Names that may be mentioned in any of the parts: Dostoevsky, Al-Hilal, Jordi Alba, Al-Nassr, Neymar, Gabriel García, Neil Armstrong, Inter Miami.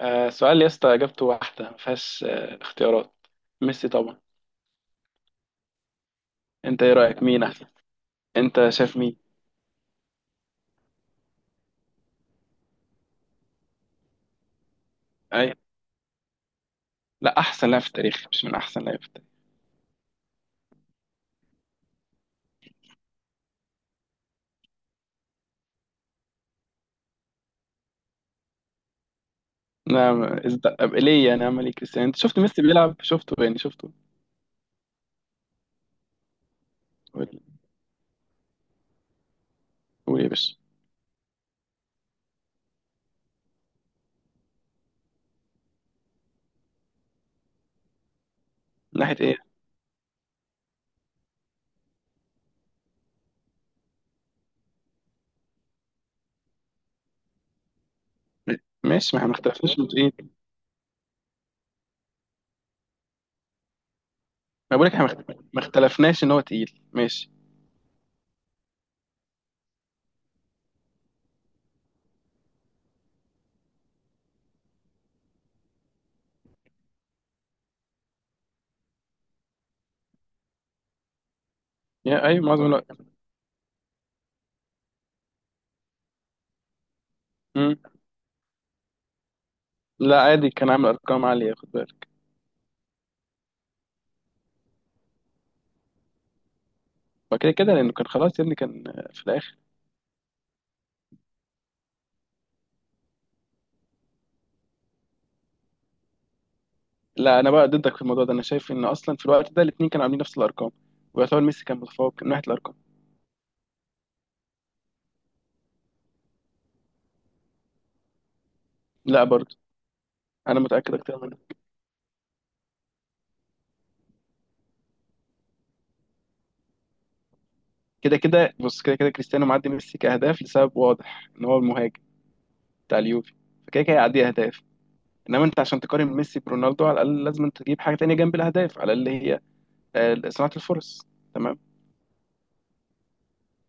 سؤال يا اسطى اجابته واحده ما فيهاش اختيارات. ميسي طبعا. انت ايه رايك مين احسن؟ انت شايف مين؟ اي. لا احسن لاعب في التاريخ مش من احسن لاعب في التاريخ. نعم. ليه يعني اعمل ايه كريستيانو؟ انت شفت ميسي بيلعب؟ شفته يعني شفته. قول. قول يا باشا. من ناحيه ايه؟ م- ماشي، ما احنا ما اختلفناش انه تقيل. ما بقولك احنا ما اختلفناش ان هو تقيل، ماشي. يا ايوه معظم الوقت. مم. لا عادي، كان عامل ارقام عاليه، خد بالك. وكده كده لانه كان خلاص يا ابني، كان في الاخر. لا انا بقى ضدك في الموضوع ده، انا شايف ان اصلا في الوقت ده الاثنين كانوا عاملين نفس الارقام، ويعتبر ميسي كان متفوق من ناحيه الارقام. لا برضه. انا متاكد اكتر منه. كده كده بص، كده كده كريستيانو معدي ميسي كاهداف لسبب واضح ان هو المهاجم بتاع اليوفي، فكده كده يعدي اهداف. انما انت عشان تقارن ميسي برونالدو على الاقل لازم انت تجيب حاجه تانية جنب الاهداف، على الاقل هي صناعه الفرص. تمام.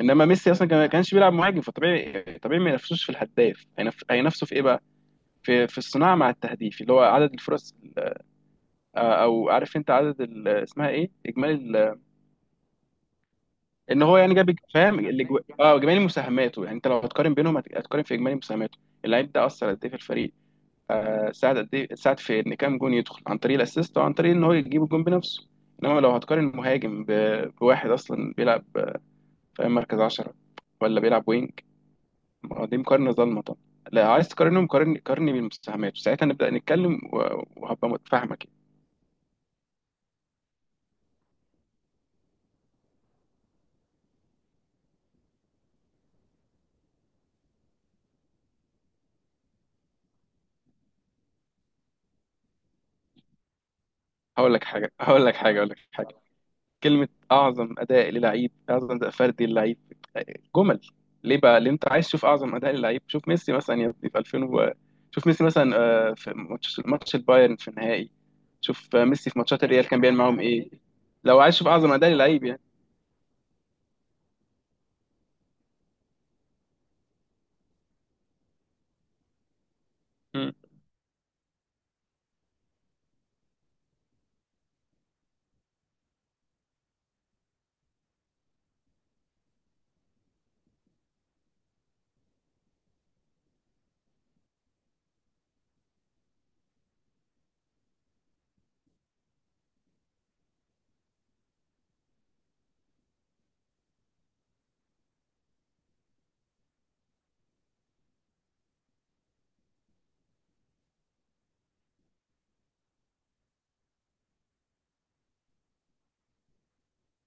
انما ميسي اصلا ما كانش بيلعب مهاجم، فطبيعي طبيعي ما ينافسوش في الهداف، هينافسوا في ايه بقى؟ في الصناعه مع التهديف اللي هو عدد الفرص، او عارف انت عدد اسمها ايه، اجمالي ال- ان هو يعني جاب، فاهم، اجمالي مساهماته. يعني انت لو هتقارن بينهم هتقارن في اجمالي مساهماته، اللعيب ده اثر قد ايه في الفريق، آه، ساعد قد ايه، ساعد في ان كام جون يدخل عن طريق الاسيست او عن طريق ان هو يجيب الجون بنفسه. انما لو هتقارن مهاجم بواحد اصلا بيلعب في مركز 10 ولا بيلعب وينج، ما هو دي مقارنه ظالمه طبعا. لا عايز تقارنهم؟ قارني قارني بالمساهمات، ساعتها نبدا نتكلم وهبقى متفاهمك يعني. هقول لك حاجه، هقول لك حاجه، هقول لك كلمة: أعظم أداء للعيب، أعظم أداء فردي للعيب، جمل. ليه بقى؟ لأن أنت عايز تشوف أعظم أداء للعيب، شوف ميسي مثلا يا ابني في 2000 و... شوف ميسي مثلا في ماتش البايرن في النهائي، شوف ميسي في ماتشات الريال كان بيعمل معاهم إيه. لو عايز تشوف أعظم أداء للعيب يعني. مم.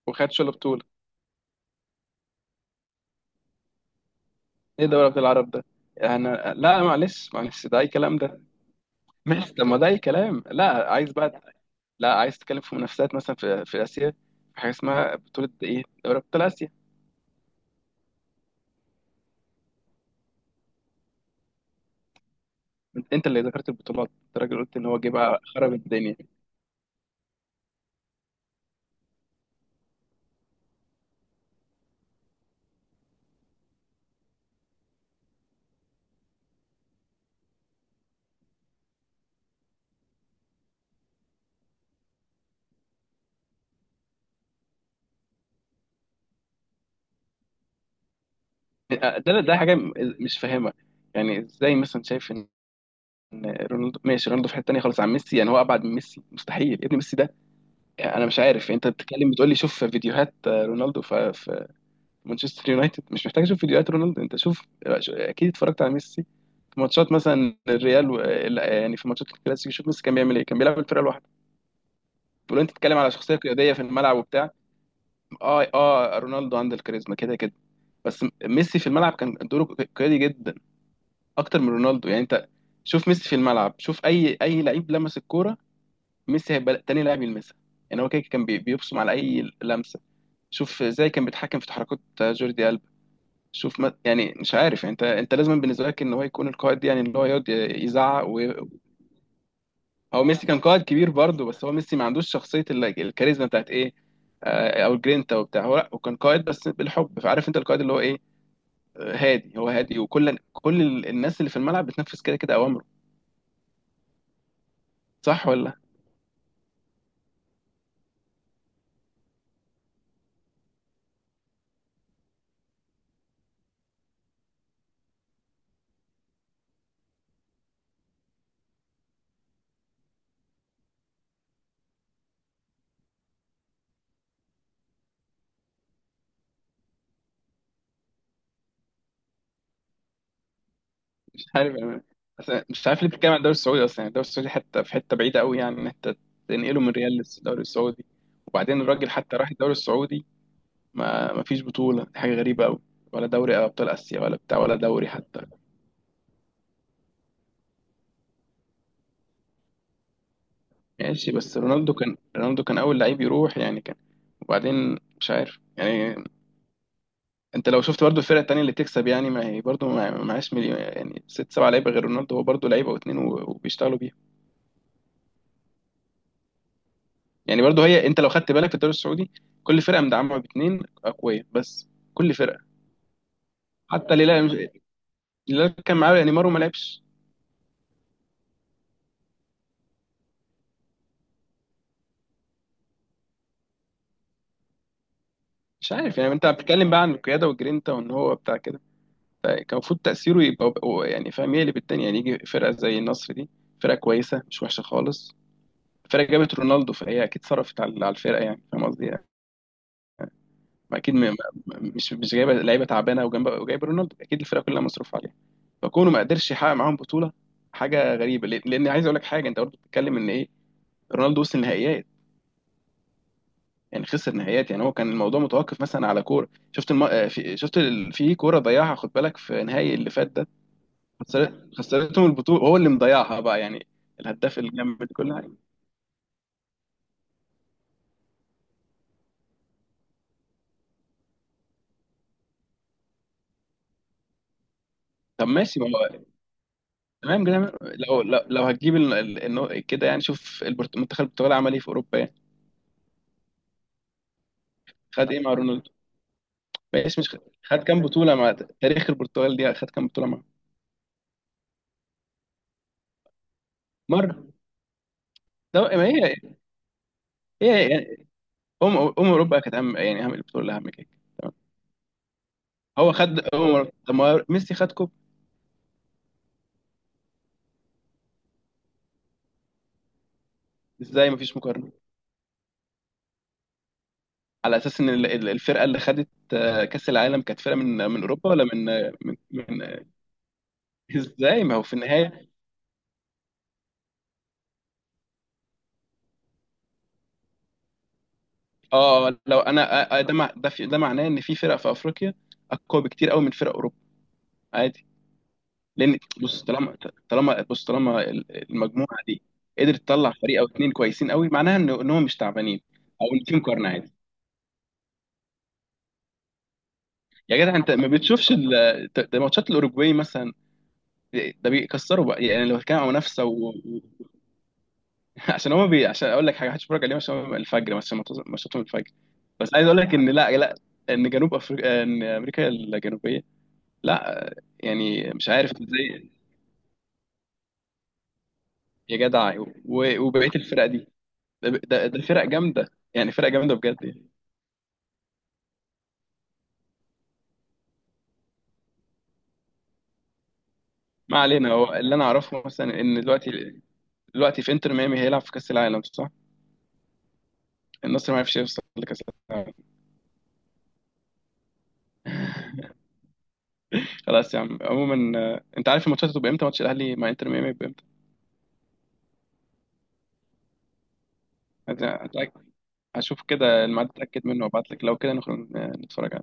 وخدش ولا بطولة؟ إيه دوري أبطال العرب ده؟ أنا لا، معلش معلش، ده أي كلام ده. ماشي، طب ما ده أي كلام، لا عايز بقى. لا عايز تتكلم في منافسات مثلا في آسيا، في حاجة اسمها بطولة إيه؟ دوري أبطال آسيا. انت اللي ذكرت البطولات، انت راجل قلت ان هو جه بقى خرب الدنيا. ده مش فاهمها. يعني ازاي مثلا شايف ان إن رونالدو، ماشي رونالدو في حته تانيه خالص عن ميسي، يعني هو ابعد من ميسي؟ مستحيل يا ابني، ميسي ده. انا مش عارف انت بتتكلم، بتقول لي شوف فيديوهات رونالدو في مانشستر يونايتد. مش محتاج اشوف فيديوهات رونالدو، انت شوف، اكيد اتفرجت على ميسي في ماتشات مثلا الريال و... لا، يعني في ماتشات الكلاسيكو شوف ميسي كان بيعمل ايه، كان بيلعب الفرقه لوحده. تقول انت بتتكلم على شخصيه قياديه في الملعب وبتاع. اه اه، رونالدو عنده الكاريزما كده كده، بس ميسي في الملعب كان دوره قيادي جدا اكتر من رونالدو. يعني انت شوف ميسي في الملعب، شوف اي لعيب لمس الكوره ميسي هيبقى تاني لاعب يلمسها. يعني هو كده كان بيبصم على اي لمسه، شوف ازاي كان بيتحكم في تحركات جوردي ألبا. شوف، ما يعني مش عارف، يعني انت لازم بالنسبه لك ان هو يكون القائد، يعني اللي هو يقعد يزعق و... هو ميسي كان قائد كبير برضه، بس هو ميسي ما عندوش شخصيه الكاريزما بتاعت ايه، او الجرينتا وبتاع. هو لا هو كان قائد بس بالحب، فعارف انت القائد اللي هو ايه، هادي، هو هادي، وكل كل الناس اللي في الملعب بتنفذ كده كده اوامره. صح ولا؟ مش عارف أنا. أصل مش عارف ليه بتتكلم عن الدوري السعودي اصلا. يعني الدوري السعودي حتى في حته بعيده قوي، يعني ان انت تنقله من ريال للدوري السعودي. وبعدين الراجل حتى راح الدوري السعودي، ما فيش بطوله، دي حاجه غريبه قوي، ولا دوري ابطال اسيا ولا بتاع ولا دوري حتى. ماشي بس رونالدو كان، رونالدو كان اول لعيب يروح يعني كان، وبعدين مش عارف يعني. انت لو شفت برضو الفرق التانية اللي تكسب، يعني ما هي برضو ما معهاش مليون، يعني ست سبع لعيبة غير رونالدو، هو برضو لعيبة واتنين وبيشتغلوا بيها. يعني برضو هي، انت لو خدت بالك في الدوري السعودي، كل فرقة مدعمة باتنين أقوياء بس، كل فرقة. حتى الهلال الهلال كان معاه نيمار وما لعبش. مش عارف يعني انت بتتكلم بقى عن القيادة والجرينتا وان هو بتاع كده، فكان المفروض تأثيره يبقى هو يعني فاهم يقلب الدنيا، يعني يجي فرقة زي النصر دي، فرقة كويسة مش وحشة خالص، فرقة جابت رونالدو فهي أكيد صرفت على الفرقة، يعني فاهم قصدي. ما اكيد مش جايبه لعيبه تعبانه وجنب وجايب رونالدو، اكيد الفرقه كلها مصروف عليها، فكونه ما قدرش يحقق معاهم بطوله حاجه غريبه. لان عايز اقول لك حاجه، انت برضه بتتكلم ان ايه رونالدو وصل النهائيات، يعني خسر نهائيات، يعني هو كان الموضوع متوقف مثلا على كوره، شفت شفت في كوره ضيعها خد بالك، في نهائي اللي فات ده، خسرت خسرتهم البطوله هو اللي مضيعها بقى يعني، الهداف الجامد كل حاجه. طب ماشي، ما هو تمام كده. لو لو, لو هتجيب كده يعني شوف منتخب البرتغال عمل ايه في اوروبا يعني، خد ايه مع رونالدو. ماشي، مش خ- خد كام بطولة مع تاريخ البرتغال دي، خد كام بطولة مع؟ مرة. ده ما هي، هي يعني أم أوروبا كانت أهم، يعني أهم البطولة اللي أهم كده. تمام. هو خد أم أوروبا، طب ما هو ميسي خد كوب. إزاي مفيش مقارنة؟ على أساس إن الفرقة اللي خدت كأس العالم كانت فرقة من أوروبا ولا من من إزاي؟ ما هو في النهاية. آه لو أنا ده ده معناه إن في فرق في أفريقيا أقوى بكتير قوي من فرق أوروبا. عادي. لان بص، طالما بص، طالما المجموعه دي قدرت تطلع فريق او اتنين كويسين قوي، معناها ان إن هم مش تعبانين، او ان في مقارنه عادي. يا جدع، انت ما بتشوفش ده ماتشات الاوروجواي مثلا، ده بيكسروا بقى، يعني لو كان منافسه عشان هما عشان اقول لك حاجه، هتتفرج عليهم عشان هما الفجر مثلا ماتشاتهم الفجر. بس عايز اقول لك ان، لا لا، ان جنوب افريقيا ان امريكا الجنوبيه، لا، يعني مش عارف ازاي. يا جدع، وبقيه الفرق دي، ده فرق جامده، يعني فرق جامده بجد يعني. ما علينا، هو اللي انا اعرفه مثلا ان دلوقتي في انتر ميامي هيلعب في كاس العالم، صح؟ النصر ما عرفش يوصل لكاس العالم. خلاص يا عم، عموما انت عارف الماتشات هتبقى امتى؟ ماتش الاهلي مع انتر ميامي هيبقى امتى؟ هت- هتلاقي- هشوف كده الميعاد، اتاكد منه وابعت لك، لو كده نخرج نتفرج.